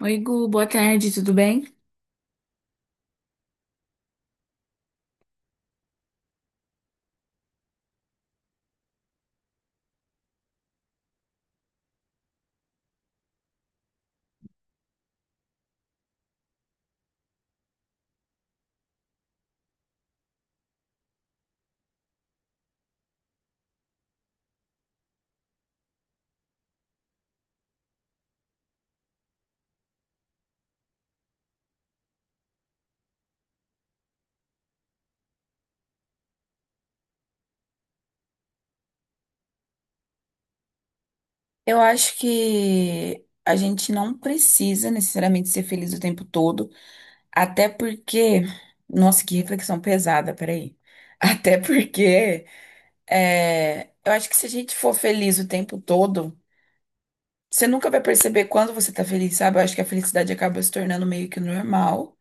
Oi, Gu, boa tarde, tudo bem? Eu acho que a gente não precisa necessariamente ser feliz o tempo todo, até porque. Nossa, que reflexão pesada, peraí. Até porque eu acho que se a gente for feliz o tempo todo, você nunca vai perceber quando você tá feliz, sabe? Eu acho que a felicidade acaba se tornando meio que normal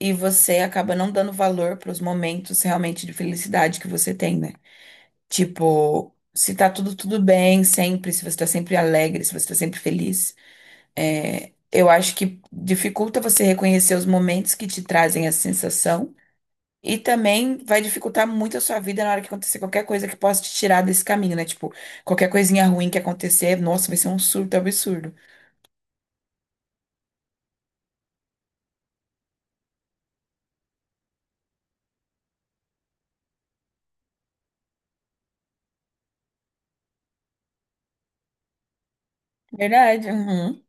e você acaba não dando valor pros momentos realmente de felicidade que você tem, né? Tipo, se tá tudo tudo bem sempre, se você tá sempre alegre, se você tá sempre feliz, eu acho que dificulta você reconhecer os momentos que te trazem essa sensação e também vai dificultar muito a sua vida na hora que acontecer qualquer coisa que possa te tirar desse caminho, né? Tipo, qualquer coisinha ruim que acontecer, nossa, vai ser um surto absurdo. Verdade, uhum.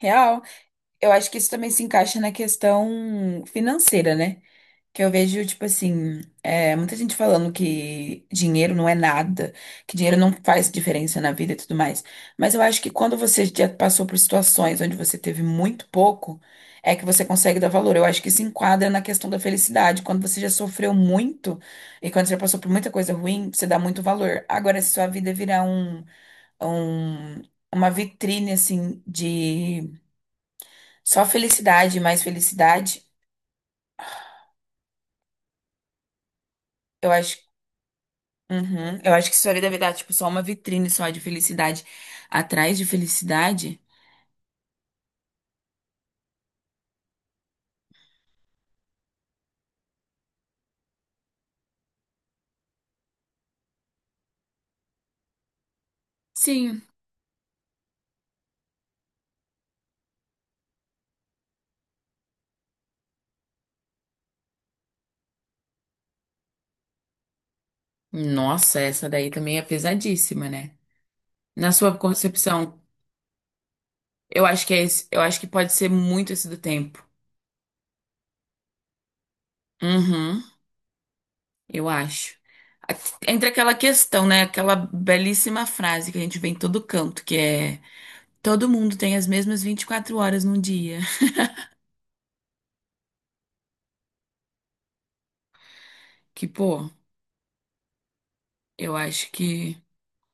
Real. Eu acho que isso também se encaixa na questão financeira, né? Que eu vejo, tipo assim, muita gente falando que dinheiro não é nada, que dinheiro não faz diferença na vida e tudo mais. Mas eu acho que quando você já passou por situações onde você teve muito pouco, é que você consegue dar valor. Eu acho que se enquadra na questão da felicidade. Quando você já sofreu muito e quando você já passou por muita coisa ruim, você dá muito valor. Agora, se sua vida virar um, uma vitrine, assim, de só felicidade, mais felicidade. Eu acho Uhum. Eu acho que isso ali deve dar, tipo, só uma vitrine só de felicidade. Atrás de felicidade? Sim. Nossa, essa daí também é pesadíssima, né? Na sua concepção, eu acho que é esse, eu acho que pode ser muito esse do tempo. Uhum, eu acho. A- Entre aquela questão, né? Aquela belíssima frase que a gente vê em todo canto, que é todo mundo tem as mesmas 24 horas num dia. Que, pô, eu acho que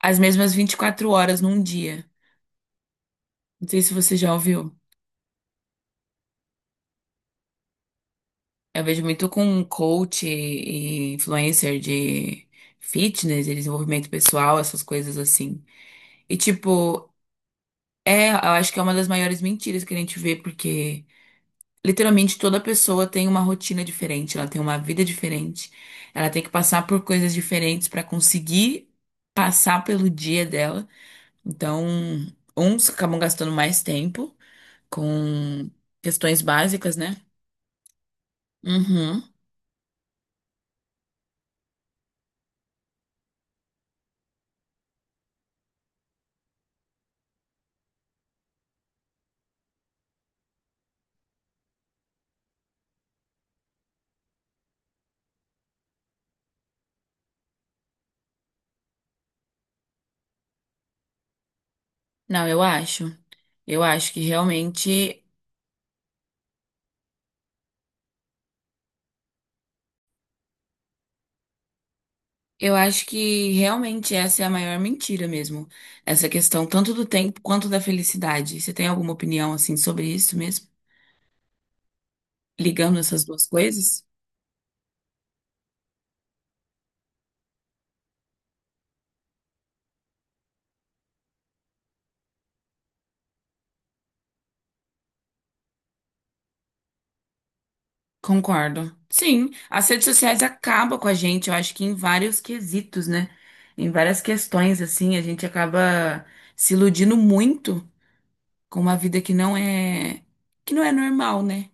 as mesmas 24 horas num dia. Não sei se você já ouviu. Eu vejo muito com coach e influencer de fitness, e desenvolvimento pessoal, essas coisas assim. E tipo, eu acho que é uma das maiores mentiras que a gente vê, porque literalmente toda pessoa tem uma rotina diferente, ela tem uma vida diferente, ela tem que passar por coisas diferentes para conseguir passar pelo dia dela. Então, uns acabam gastando mais tempo com questões básicas, né? Uhum. Não, eu acho. Eu acho que realmente, eu acho que realmente essa é a maior mentira mesmo. Essa questão tanto do tempo quanto da felicidade. Você tem alguma opinião assim sobre isso mesmo? Ligando essas duas coisas? Concordo. Sim, as redes sociais acabam com a gente, eu acho que em vários quesitos, né? Em várias questões assim, a gente acaba se iludindo muito com uma vida que não é normal, né?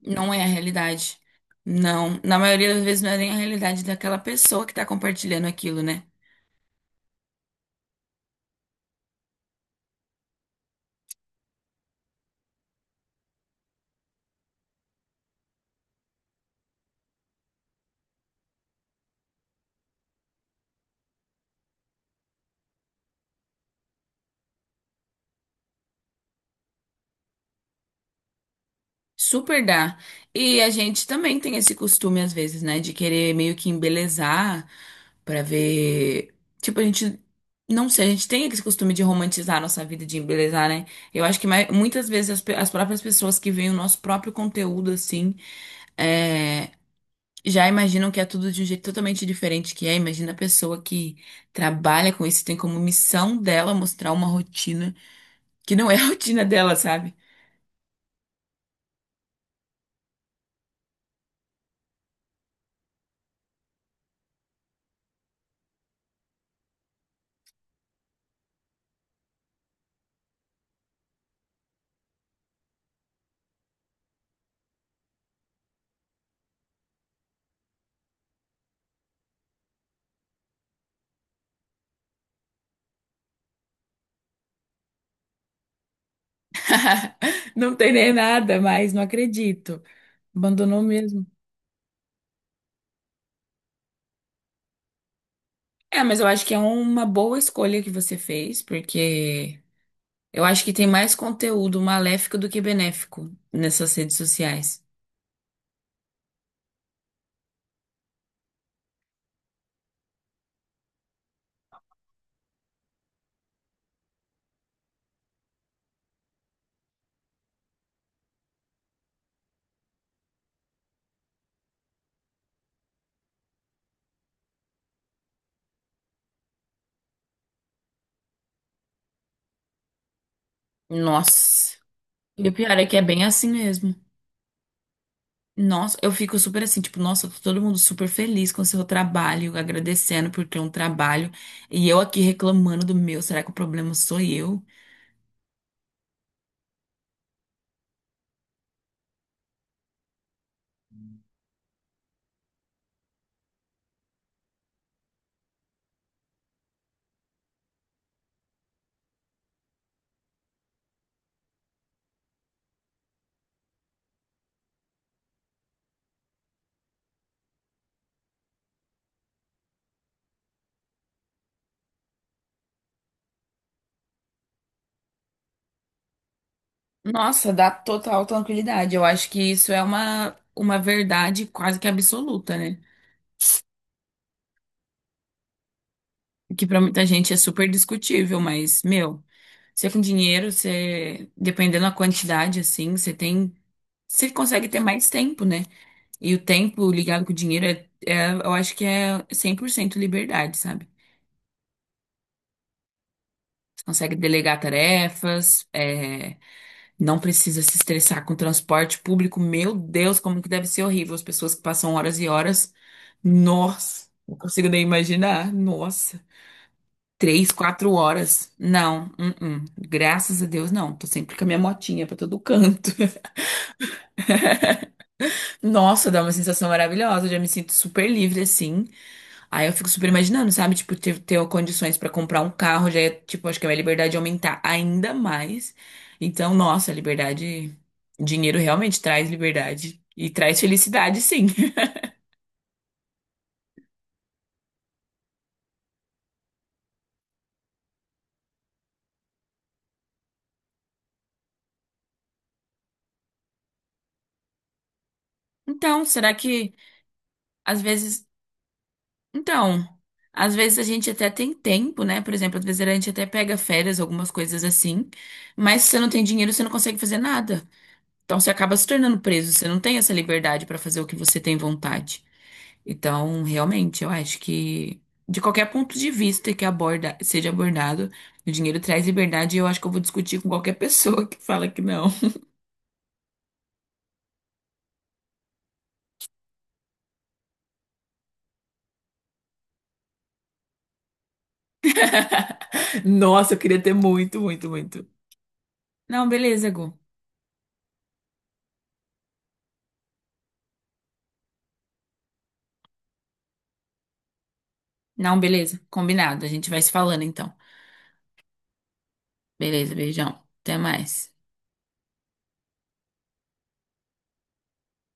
Não é a realidade. Não. Na maioria das vezes não é nem a realidade daquela pessoa que tá compartilhando aquilo, né? Super dá. E a gente também tem esse costume, às vezes, né? De querer meio que embelezar pra ver. Tipo, a gente. Não sei, a gente tem esse costume de romantizar a nossa vida, de embelezar, né? Eu acho que muitas vezes as próprias pessoas que veem o nosso próprio conteúdo, assim, é, já imaginam que é tudo de um jeito totalmente diferente que é. Imagina a pessoa que trabalha com isso, tem como missão dela mostrar uma rotina que não é a rotina dela, sabe? Não tem nem nada, mas não acredito. Abandonou mesmo. É, mas eu acho que é uma boa escolha que você fez, porque eu acho que tem mais conteúdo maléfico do que benéfico nessas redes sociais. Nossa. E o pior é que é bem assim mesmo. Nossa, eu fico super assim, tipo, nossa, tá todo mundo super feliz com o seu trabalho, agradecendo por ter um trabalho, e eu aqui reclamando do meu, será que o problema sou eu? Nossa, dá total tranquilidade. Eu acho que isso é uma verdade quase que absoluta, né? Que pra muita gente é super discutível, mas, meu, você com dinheiro, você, dependendo da quantidade, assim, você consegue ter mais tempo, né? E o tempo ligado com o dinheiro eu acho que é 100% liberdade, sabe? Consegue delegar tarefas, não precisa se estressar com transporte público. Meu Deus, como que deve ser horrível as pessoas que passam horas e horas. Nossa, não consigo nem imaginar. Nossa, 3, 4 horas. Não, uh-uh. Graças a Deus, não. Tô sempre com a minha motinha pra todo canto. Nossa, dá uma sensação maravilhosa. Eu já me sinto super livre assim. Aí eu fico super imaginando, sabe? Tipo, ter condições pra comprar um carro já é, tipo, acho que a minha liberdade ia aumentar ainda mais. Então, nossa, liberdade, dinheiro realmente traz liberdade e traz felicidade, sim. Então, será que às vezes, então, às vezes a gente até tem tempo, né? Por exemplo, às vezes a gente até pega férias, algumas coisas assim, mas se você não tem dinheiro, você não consegue fazer nada. Então, você acaba se tornando preso, você não tem essa liberdade pra fazer o que você tem vontade. Então, realmente, eu acho que de qualquer ponto de vista seja abordado, o dinheiro traz liberdade e eu acho que eu vou discutir com qualquer pessoa que fala que não. Nossa, eu queria ter muito, muito, muito. Não, beleza, Gu. Não, beleza. Combinado. A gente vai se falando então. Beleza, beijão. Até mais.